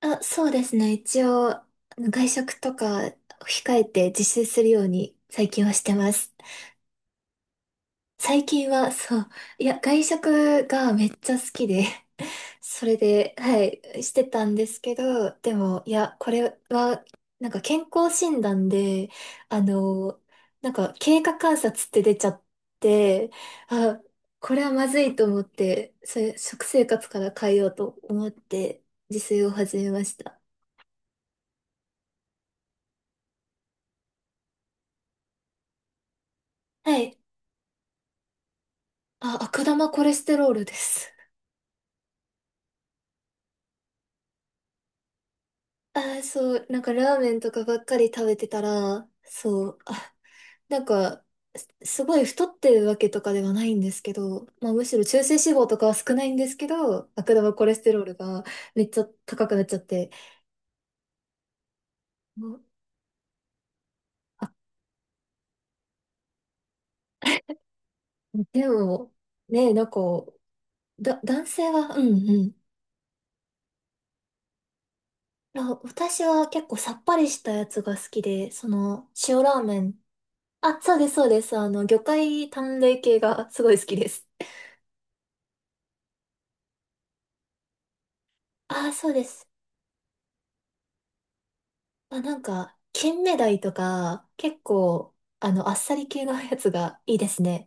あ、そうですね。一応、あの外食とか控えて自炊するように最近はしてます。最近は、そう、いや、外食がめっちゃ好きで、それで、はい、してたんですけど、でも、いや、これは、なんか健康診断で、あの、なんか経過観察って出ちゃって、あ、これはまずいと思って、それ、食生活から変えようと思って、自炊を始めました。はい、あ、悪玉コレステロールです。あー、そう、なんかラーメンとかばっかり食べてたら、そう、あ、なんか、すごい太ってるわけとかではないんですけど、まあむしろ中性脂肪とかは少ないんですけど、悪玉コレステロールがめっちゃ高くなっちゃって。もうでも、ね、なんか、男性は、うんうん。あ、私は結構さっぱりしたやつが好きで、その、塩ラーメン。あ、そうです、そうです。あの、魚介淡麗系がすごい好きです。ああ、そうです。あ、なんか、金目鯛とか、結構、あの、あっさり系の やつがいいですね。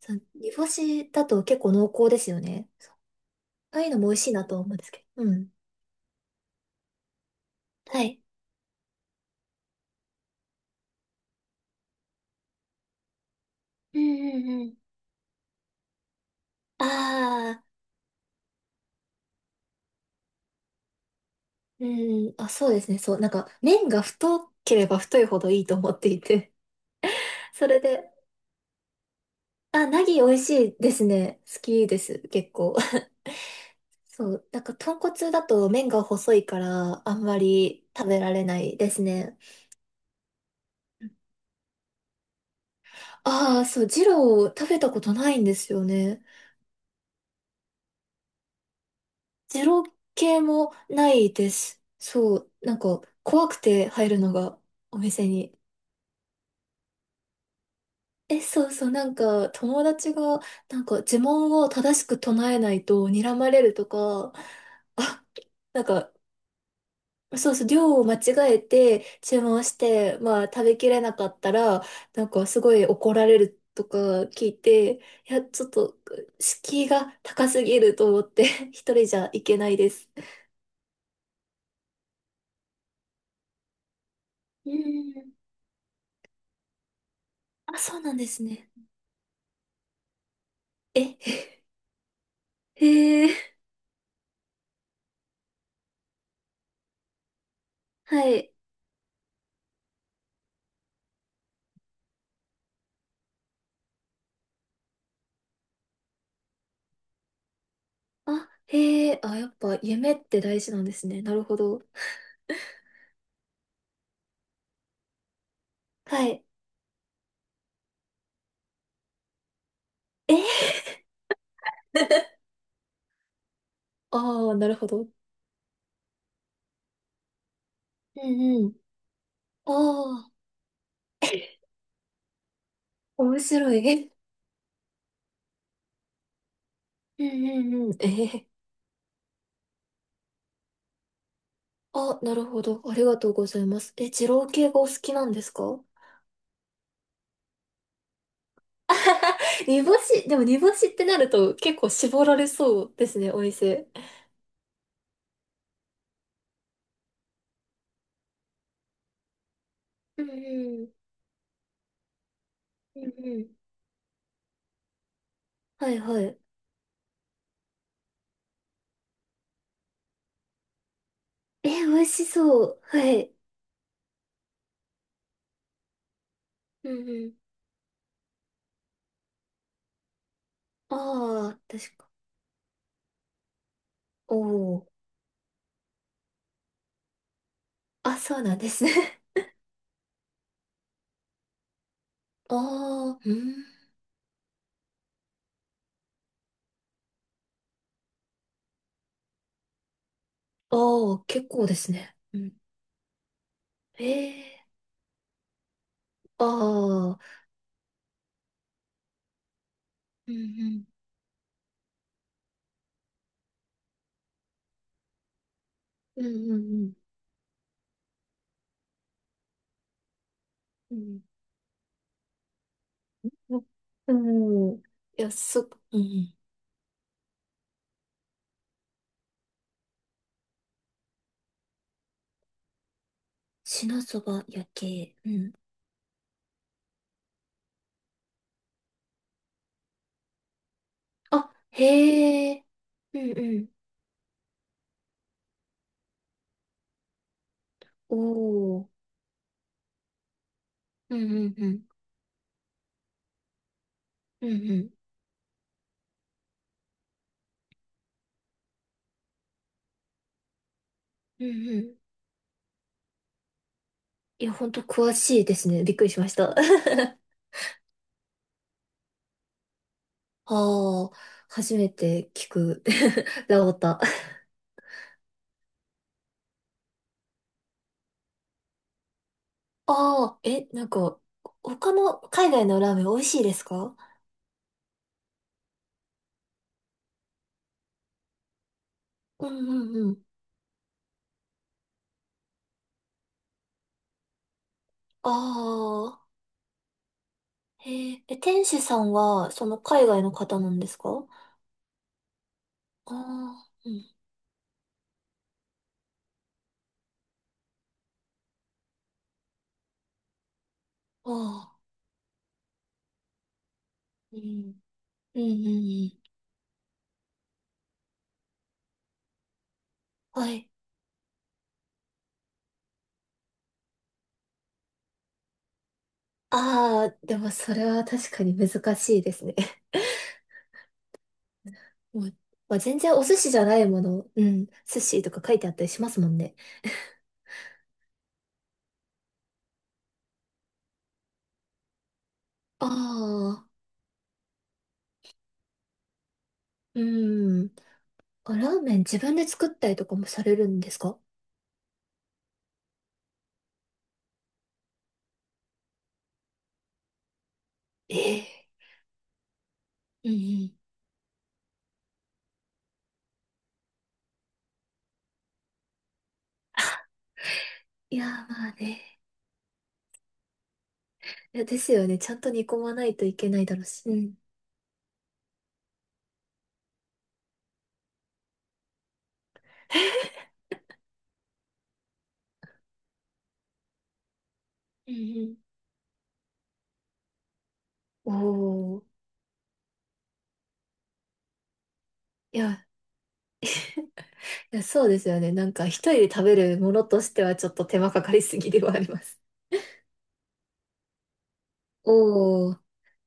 その煮干しだと結構濃厚ですよね。ああいうのも美味しいなと思うんですけど。うん。はい。うんうんうん。ああ、うん、あ、そうですね。そう、なんか、麺が太ければ太いほどいいと思っていて。それで、あ、ナギ美味しいですね。好きです、結構。そう、なんか、豚骨だと麺が細いから、あんまり食べられないですね。ああ、そう、二郎食べたことないんですよね。二郎系もないです。そう、なんか怖くて入るのがお店に。え、そうそう、なんか友達がなんか呪文を正しく唱えないと睨まれるとか、あ、なんかそうそう、量を間違えて注文して、まあ食べきれなかったら、なんかすごい怒られるとか聞いて、いや、ちょっと敷居が高すぎると思って、一人じゃいけないです。うん。あ、そうなんですね。え、へえ、はい。あ、へえ、あ、やっぱ夢って大事なんですね。なるほど。はい。え、ああ、なるほど。うんうん。ああ、面白い。うんうんうん。えへへ、あ、なるほど。ありがとうございます。え、二郎系がお好きなんですか？ 煮干し、でも煮干しってなると結構絞られそうですね、お店。うんうん。うんうん。はいはい。え、美味しそう。はい。うんうん。ああ、確か。おお。あ、そうなんですね。ああ、うん。ああ、結構ですね。うん。ええー。ああ。うんうん。うんうんうん。うん。うん、いや、そ、うんうん。しなそば焼け。うん。あ、へえ。うんうん。おー。うんうんうん。うんうん。うんうん。いや、ほんと詳しいですね。びっくりしました。ああ、初めて聞く。ラオタ。ああ、え、なんか、他の海外のラーメン美味しいですか？うんうんうん。ああ、へえ。え、天使さんは、その海外の方なんですか？ああー、うん。ああ、うん。うんうんうん。はい。ああ、でもそれは確かに難しいですね。もう、まあ、全然お寿司じゃないもの、うん、寿司とか書いてあったりしますもんね。ああ、うん。あ、ラーメン自分で作ったりとかもされるんですか？ええ。うんうん。いやー、まあね。いや、ですよね。ちゃんと煮込まないといけないだろうし。うん。うんうん。おー。いや、いや、そうですよね。なんか一人で食べるものとしてはちょっと手間かかりすぎではあります。おー。い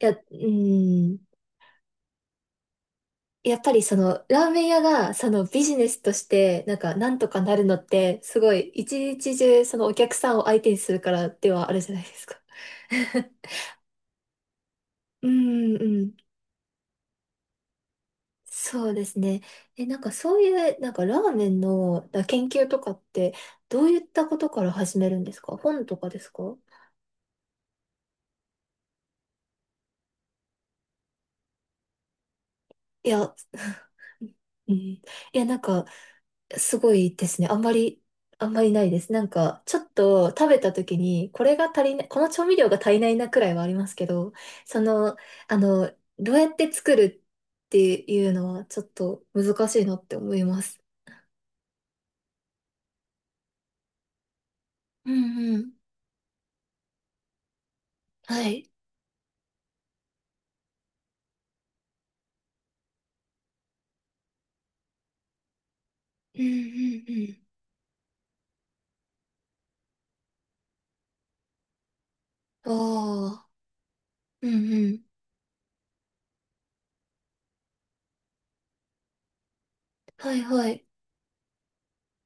や、うん。やっぱりそのラーメン屋がそのビジネスとしてなんかなんとかなるのってすごい一日中そのお客さんを相手にするからではあるじゃないですか。うんうん。そうですね。え、なんかそういうなんかラーメンのだ研究とかってどういったことから始めるんですか？本とかですか？いや、うん。いや、なんか、すごいですね。あんまり、あんまりないです。なんか、ちょっと食べた時に、これが足りない、この調味料が足りないなくらいはありますけど、その、あの、どうやって作るっていうのは、ちょっと難しいなって思います。うんうん。はい。うんうんうん。ああ、うんうん。はいはい。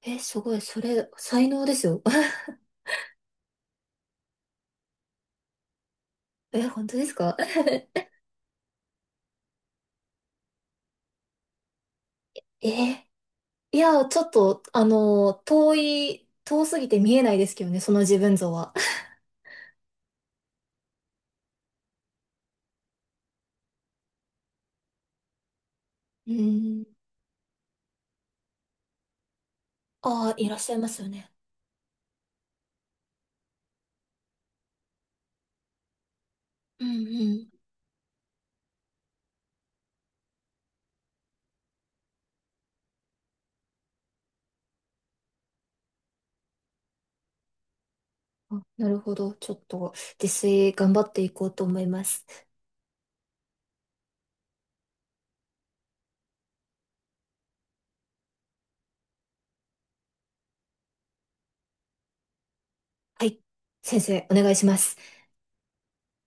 え、すごい、それ、才能ですよ。え、本当ですか？えー、いや、ちょっと、あの、遠すぎて見えないですけどね、その自分像は。うん。ああ、いらっしゃいますよね。うんうん。あ、なるほど。ちょっと、自炊頑張っていこうと思います。はい。先生、お願いします。